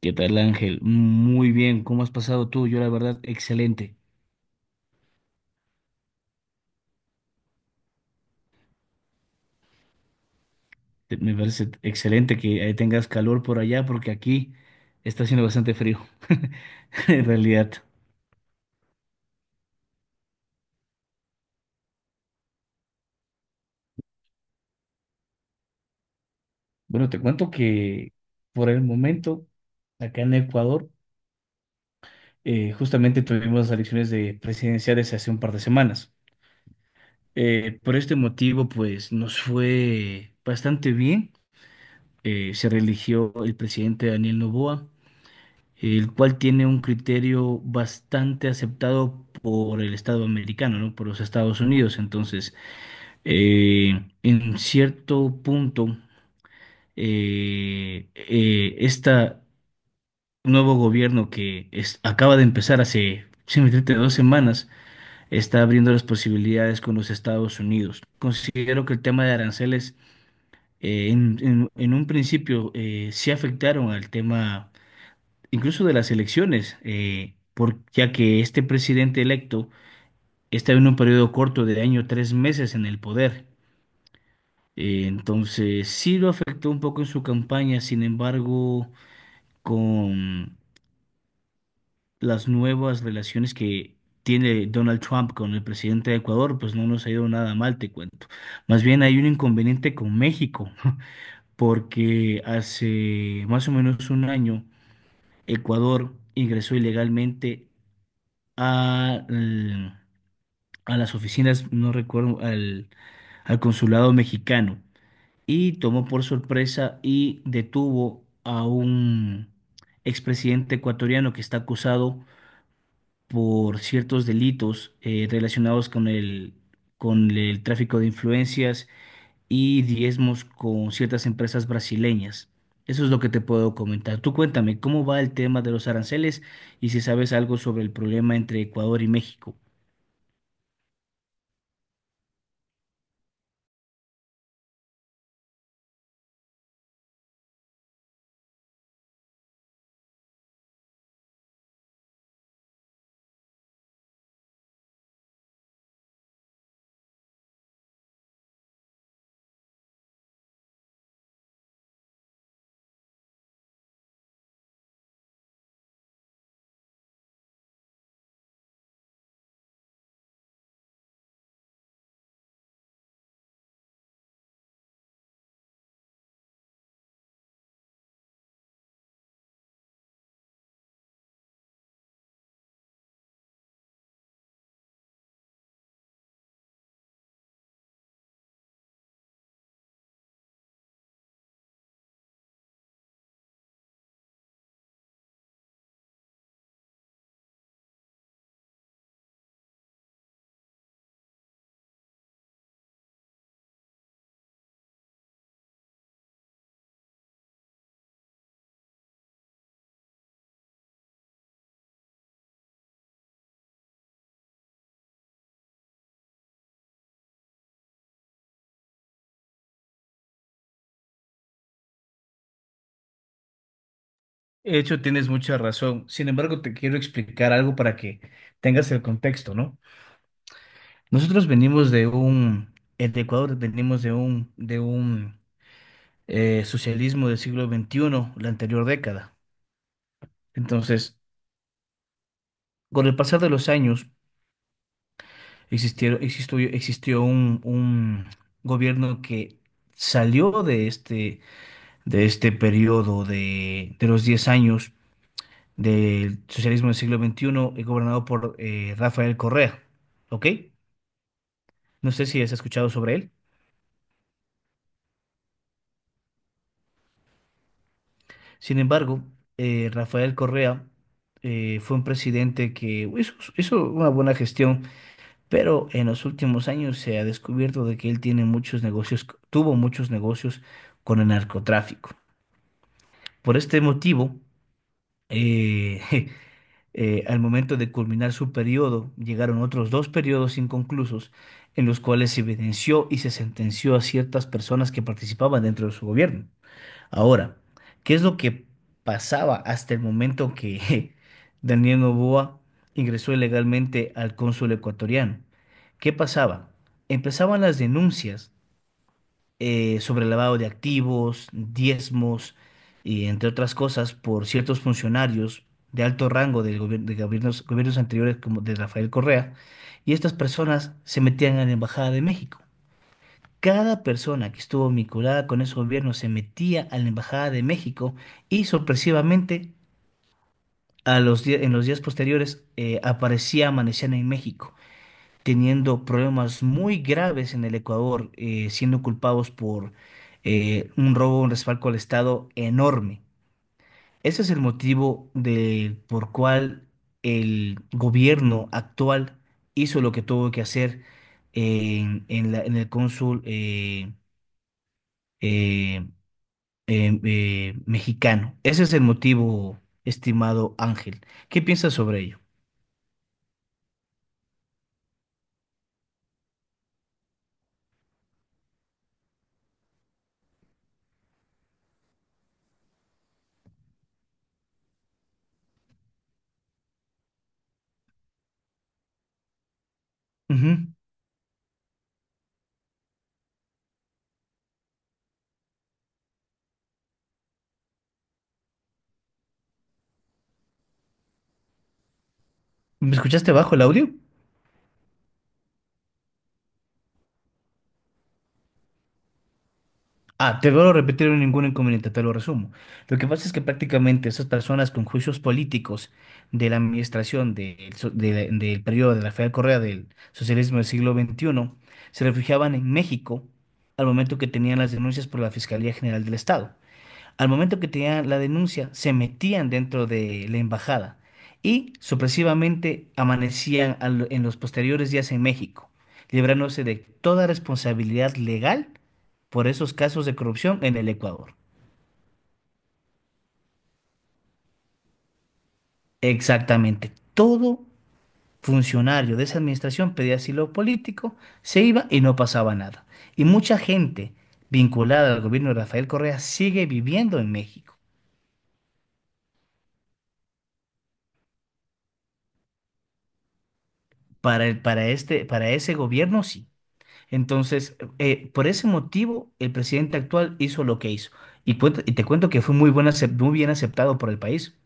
¿Qué tal, Ángel? Muy bien, ¿cómo has pasado tú? Yo, la verdad, excelente. Me parece excelente que tengas calor por allá porque aquí está haciendo bastante frío, en realidad. Bueno, te cuento que por el momento, acá en Ecuador, justamente tuvimos las elecciones de presidenciales hace un par de semanas. Por este motivo, pues nos fue bastante bien. Se reeligió el presidente Daniel Noboa. El cual tiene un criterio bastante aceptado por el Estado americano, ¿no? Por los Estados Unidos. Entonces, en cierto punto, este nuevo gobierno que acaba de empezar hace simplemente 2 semanas, está abriendo las posibilidades con los Estados Unidos. Considero que el tema de aranceles en un principio sí afectaron al tema incluso de las elecciones, ya que este presidente electo está en un periodo corto de año, 3 meses en el poder. Entonces, sí lo afectó un poco en su campaña, sin embargo, con las nuevas relaciones que tiene Donald Trump con el presidente de Ecuador, pues no nos ha ido nada mal, te cuento. Más bien hay un inconveniente con México, porque hace más o menos un año Ecuador ingresó ilegalmente a, al- a las oficinas, no recuerdo, al consulado mexicano y tomó por sorpresa y detuvo a un expresidente ecuatoriano que está acusado por ciertos delitos relacionados con el tráfico de influencias y diezmos con ciertas empresas brasileñas. Eso es lo que te puedo comentar. Tú cuéntame, ¿cómo va el tema de los aranceles y si sabes algo sobre el problema entre Ecuador y México? De hecho, tienes mucha razón. Sin embargo, te quiero explicar algo para que tengas el contexto, ¿no? Nosotros venimos de un, En Ecuador venimos de un socialismo del siglo XXI, la anterior década. Entonces, con el pasar de los años, existió un gobierno que salió de este, periodo de los 10 años del socialismo del siglo XXI, gobernado por Rafael Correa, ¿ok? No sé si has escuchado sobre él. Sin embargo, Rafael Correa fue un presidente que hizo una buena gestión, pero en los últimos años se ha descubierto de que él tiene muchos negocios, tuvo muchos negocios con el narcotráfico. Por este motivo, eh, al momento de culminar su periodo, llegaron otros dos periodos inconclusos en los cuales se evidenció y se sentenció a ciertas personas que participaban dentro de su gobierno. Ahora, ¿qué es lo que pasaba hasta el momento que Daniel Noboa ingresó ilegalmente al cónsul ecuatoriano? ¿Qué pasaba? Empezaban las denuncias sobre lavado de activos, diezmos y entre otras cosas por ciertos funcionarios de alto rango de gobiernos anteriores como de Rafael Correa, y estas personas se metían a la Embajada de México. Cada persona que estuvo vinculada con ese gobierno se metía a la Embajada de México y sorpresivamente en los días posteriores aparecía, amanecían en México, teniendo problemas muy graves en el Ecuador, siendo culpados por un robo, un respaldo al Estado enorme. Ese es el motivo de, por cual el gobierno actual hizo lo que tuvo que hacer en el cónsul. Eh, mexicano. Ese es el motivo, estimado Ángel. ¿Qué piensas sobre ello? Ujú. ¿Me escuchaste bajo el audio? Ah, te vuelvo a repetir en ningún inconveniente, te lo resumo. Lo que pasa es que prácticamente esas personas con juicios políticos de la administración del periodo de Rafael Correa del socialismo del siglo XXI se refugiaban en México al momento que tenían las denuncias por la Fiscalía General del Estado. Al momento que tenían la denuncia, se metían dentro de la embajada y supresivamente amanecían en los posteriores días en México, librándose de toda responsabilidad legal por esos casos de corrupción en el Ecuador. Exactamente. Todo funcionario de esa administración pedía asilo político, se iba y no pasaba nada. Y mucha gente vinculada al gobierno de Rafael Correa sigue viviendo en México. Para el- para este, para ese gobierno, sí. Entonces, por ese motivo, el presidente actual hizo lo que hizo. Y te cuento que fue muy bien aceptado por el país.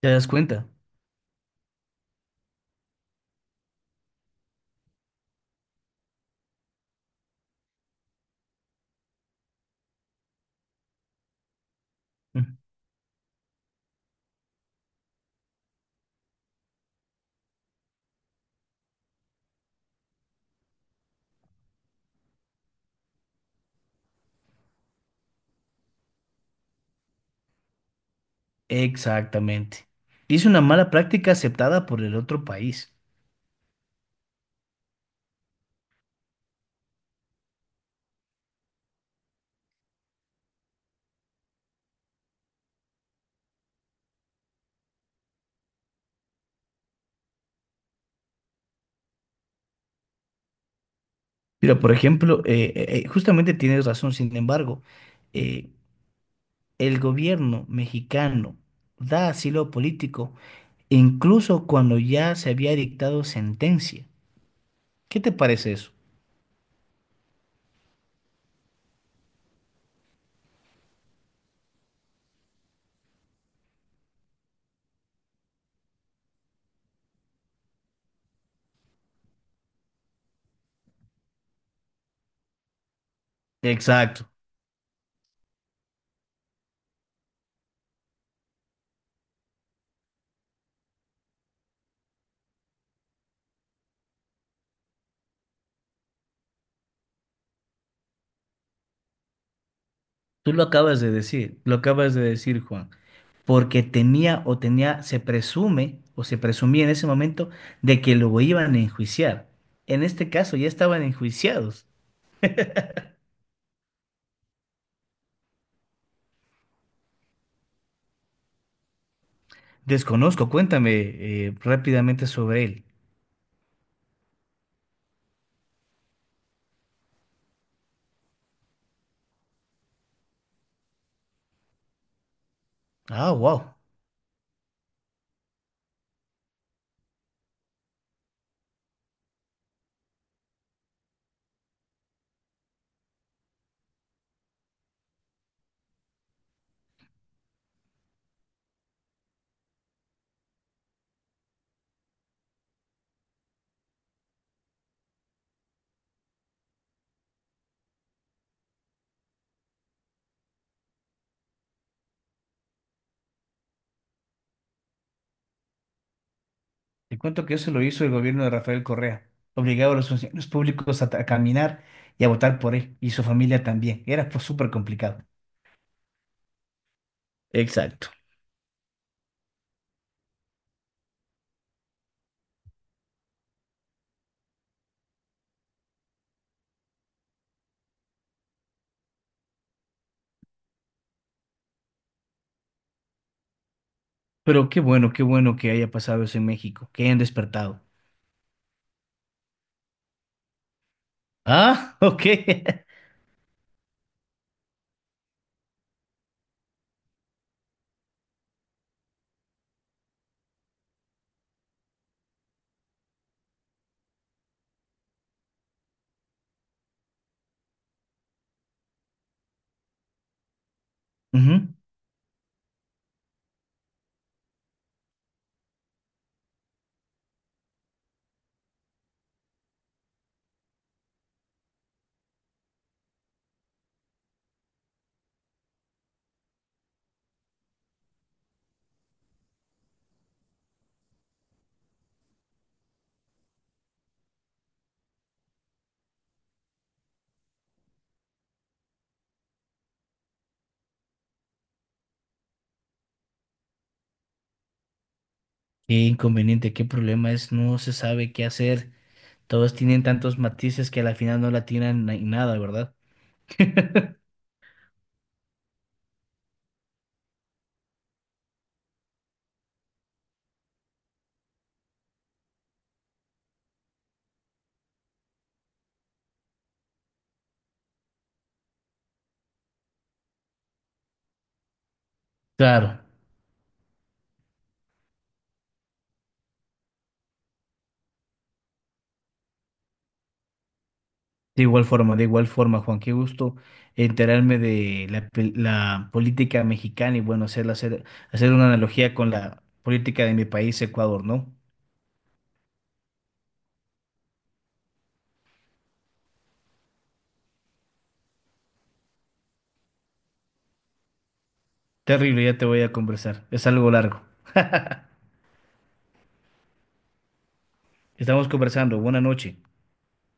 ¿Te das cuenta? Mm. Exactamente. Y es una mala práctica aceptada por el otro país. Mira, por ejemplo, justamente tienes razón, sin embargo, eh, el gobierno mexicano da asilo político incluso cuando ya se había dictado sentencia. ¿Qué te parece eso? Exacto. Tú lo acabas de decir, lo acabas de decir, Juan, porque tenía o tenía, se presume o se presumía en ese momento de que lo iban a enjuiciar. En este caso ya estaban enjuiciados. Desconozco, cuéntame rápidamente sobre él. Ah, wow. Te cuento que eso lo hizo el gobierno de Rafael Correa. Obligaba a los funcionarios públicos a caminar y a votar por él y su familia también. Era, pues, súper complicado. Exacto. Pero qué bueno que haya pasado eso en México, que hayan despertado. Ah, ok. Ujú. Qué inconveniente, qué problema es, no se sabe qué hacer. Todos tienen tantos matices que a la final no la tienen en nada, ¿verdad? Claro, de igual forma, Juan, qué gusto enterarme de la política mexicana y bueno, hacer una analogía con la política de mi país, Ecuador, ¿no? Terrible, ya te voy a conversar, es algo largo. Estamos conversando, buena noche.